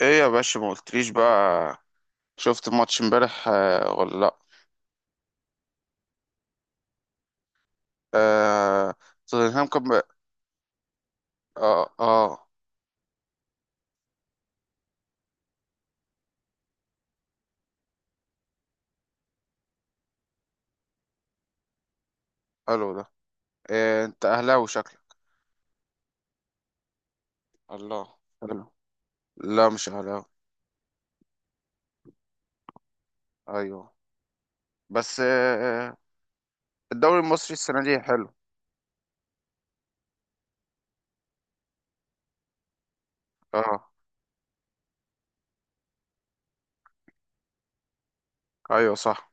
ايه يا باشا، ما قلتليش بقى؟ شفت الماتش امبارح ولا لا؟ آه. توتنهام كان بقى. اه، اه. حلو ده. إيه، انت اهلاوي شكلك؟ الله. حلو. لا، مش اهلاوي. ايوه، بس الدوري المصري السنه دي حلو. اه. ايوه صح.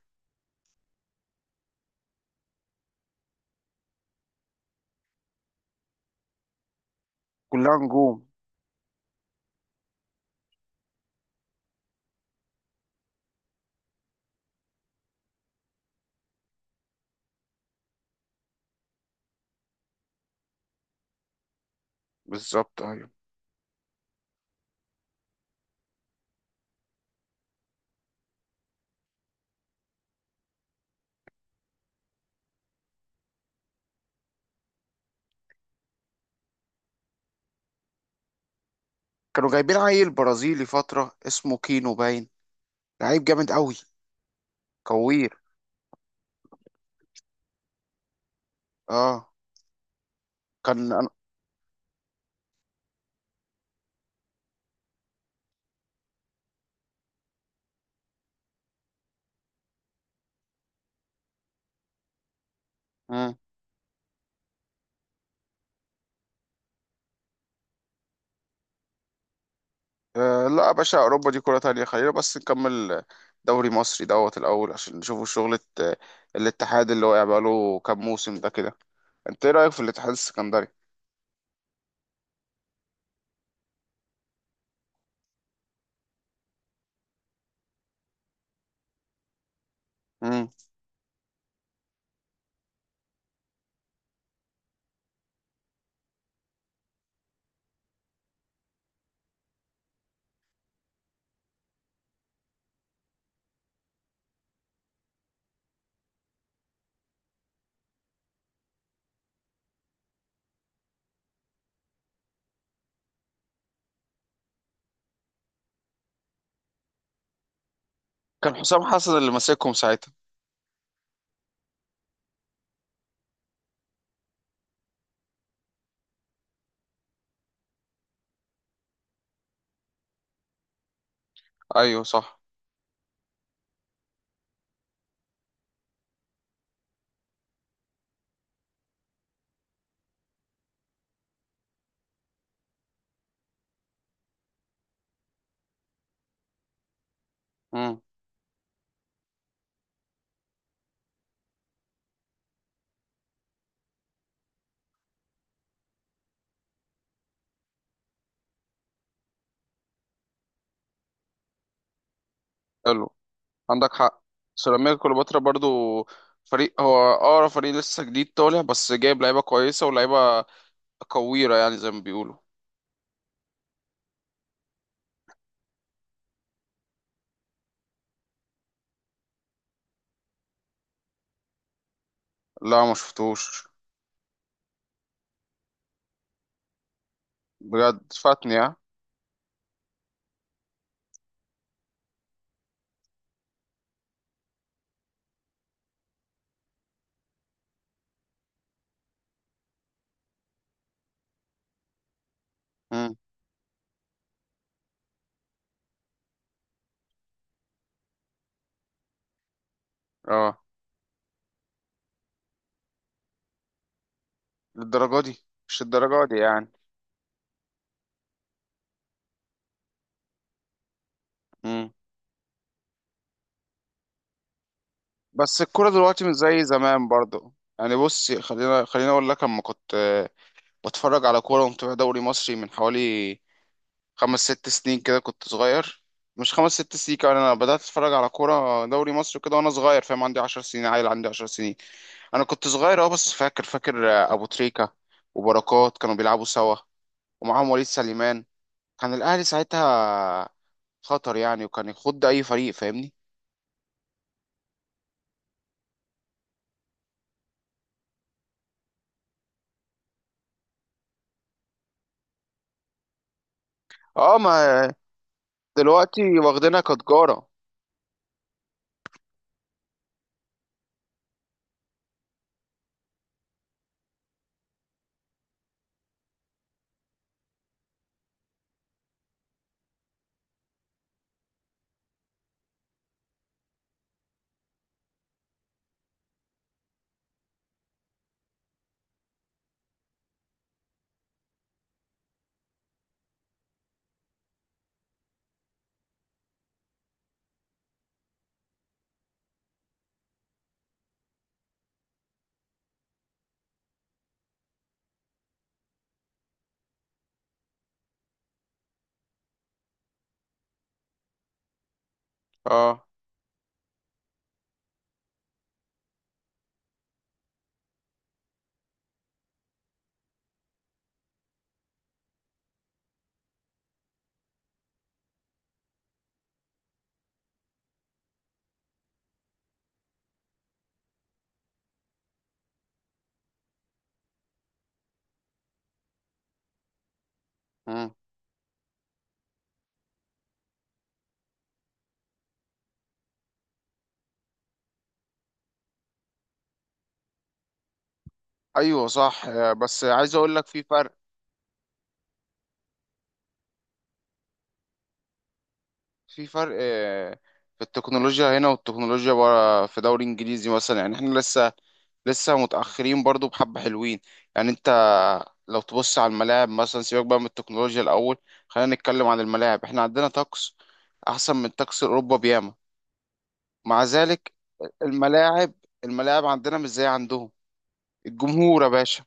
كلها نجوم. بالظبط، ايوه. كانوا جايبين عيل برازيلي فتره اسمه كينو باين، لعيب جامد قوي. كوير. اه. كان. انا لا يا باشا، أوروبا دي كرة تانية، خلينا بس نكمل دوري مصري دوت الأول عشان نشوفوا شغلة. الاتحاد اللي واقع بقاله كام موسم ده كده. أنت إيه رأيك في الاتحاد السكندري؟ مم. كان حسام حسن اللي ماسكهم ساعتها. أيوه صح. مم. حلو. عندك حق. سيراميكا كليوباترا برضو فريق، هو أقرب فريق لسه جديد طالع، بس جايب لعيبة كويسة ولعيبة كويرة يعني، زي ما بيقولوا. لا، ما شفتوش. بجد فاتني ها. مم. اه. للدرجة دي؟ مش الدرجة دي يعني. مم. بس الكورة دلوقتي مش زي زمان برضو. يعني بص، خلينا اقول لك، لما كنت بتفرج على كورة ومتابع دوري مصري من حوالي خمس ست سنين كده، كنت صغير. مش خمس ست سنين كمان، انا بدأت اتفرج على كورة دوري مصري كده وانا صغير، فاهم؟ عندي 10 سنين، عيل عندي 10 سنين. انا كنت صغير، بس فاكر، فاكر ابو تريكة وبركات كانوا بيلعبوا سوا، ومعاهم وليد سليمان. كان الاهلي ساعتها خطر يعني، وكان يخض اي فريق، فاهمني؟ اه، ما دلوقتي واخدينها كتجارة. اه، ايوه صح، بس عايز اقول لك في فرق، في فرق آه، في التكنولوجيا هنا والتكنولوجيا بره. في دوري انجليزي مثلا يعني احنا لسه لسه متاخرين برضو، بحبه حلوين يعني. انت لو تبص على الملاعب مثلا، سيبك بقى من التكنولوجيا الاول، خلينا نتكلم عن الملاعب. احنا عندنا طقس احسن من طقس اوروبا بياما، مع ذلك الملاعب، الملاعب عندنا مش زي عندهم. الجمهور يا باشا.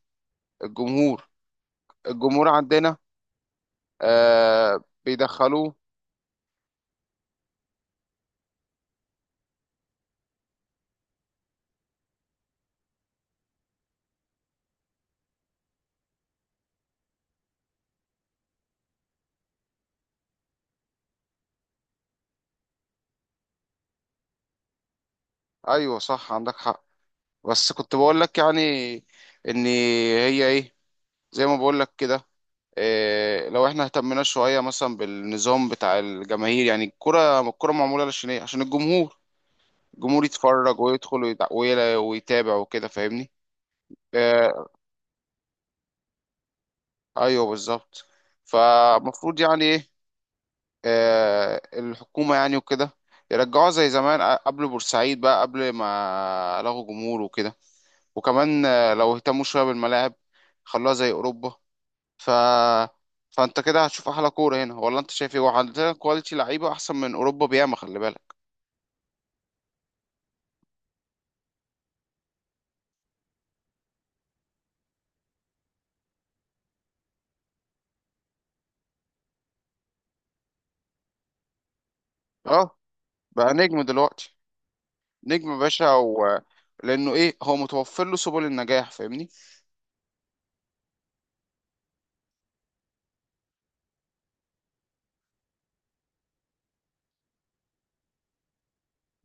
الجمهور، الجمهور عندنا بيدخلوه. ايوه صح، عندك حق، بس كنت بقول لك يعني، ان هي ايه، زي ما بقول لك كده. إيه لو احنا اهتمنا شويه مثلا بالنظام بتاع الجماهير؟ يعني الكره، الكره معموله عشان ايه؟ عشان الجمهور. الجمهور يتفرج ويدخل ويتابع وكده، فاهمني؟ إيه. ايوه بالظبط. فالمفروض يعني ايه؟ إيه، الحكومه يعني وكده يرجعوها زي زمان قبل بورسعيد بقى، قبل ما لغوا جمهور وكده. وكمان لو اهتموا شويه بالملاعب، خلوها زي اوروبا. ف فانت كده هتشوف احلى كوره هنا؟ ولا انت شايف ايه؟ وعندنا كواليتي لعيبه احسن من اوروبا بياما، خلي بالك. اه، بقى نجم دلوقتي. نجم يا باشا. لانه ايه، هو متوفر له سبل النجاح، فاهمني؟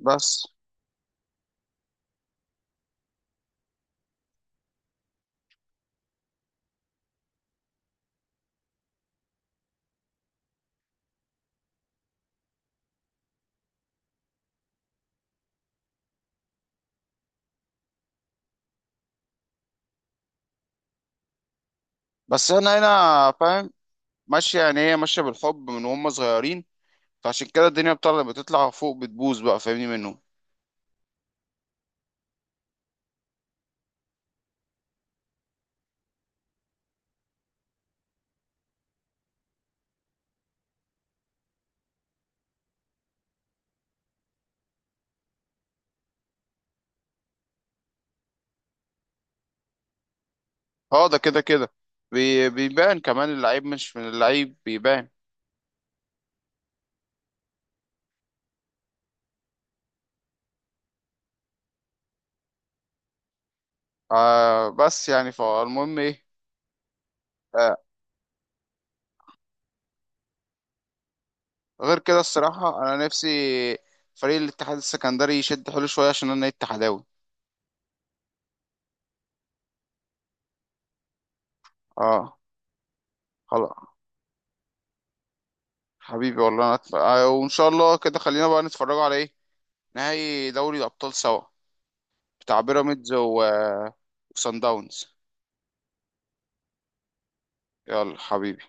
بس. بس انا هنا فاهم. ماشيه يعني، هي ماشيه بالحب من وهم صغيرين، فعشان كده الدنيا بتطلع بتطلع فوق، بتبوظ بقى فاهمني منهم. اه، ده كده كده. بيبان كمان اللعيب، مش من اللعيب بيبان. بس يعني، فالمهم ايه؟ آه، غير كده الصراحة، أنا نفسي فريق الاتحاد السكندري يشد حلو شوية عشان أنا اتحداوي. اه. خلاص. حبيبي والله، أنا أتف... آه وإن شاء الله كده، خلينا بقى نتفرجوا على إيه، نهائي دوري الأبطال سوا، بتاع بيراميدز وصن داونز. يلا حبيبي.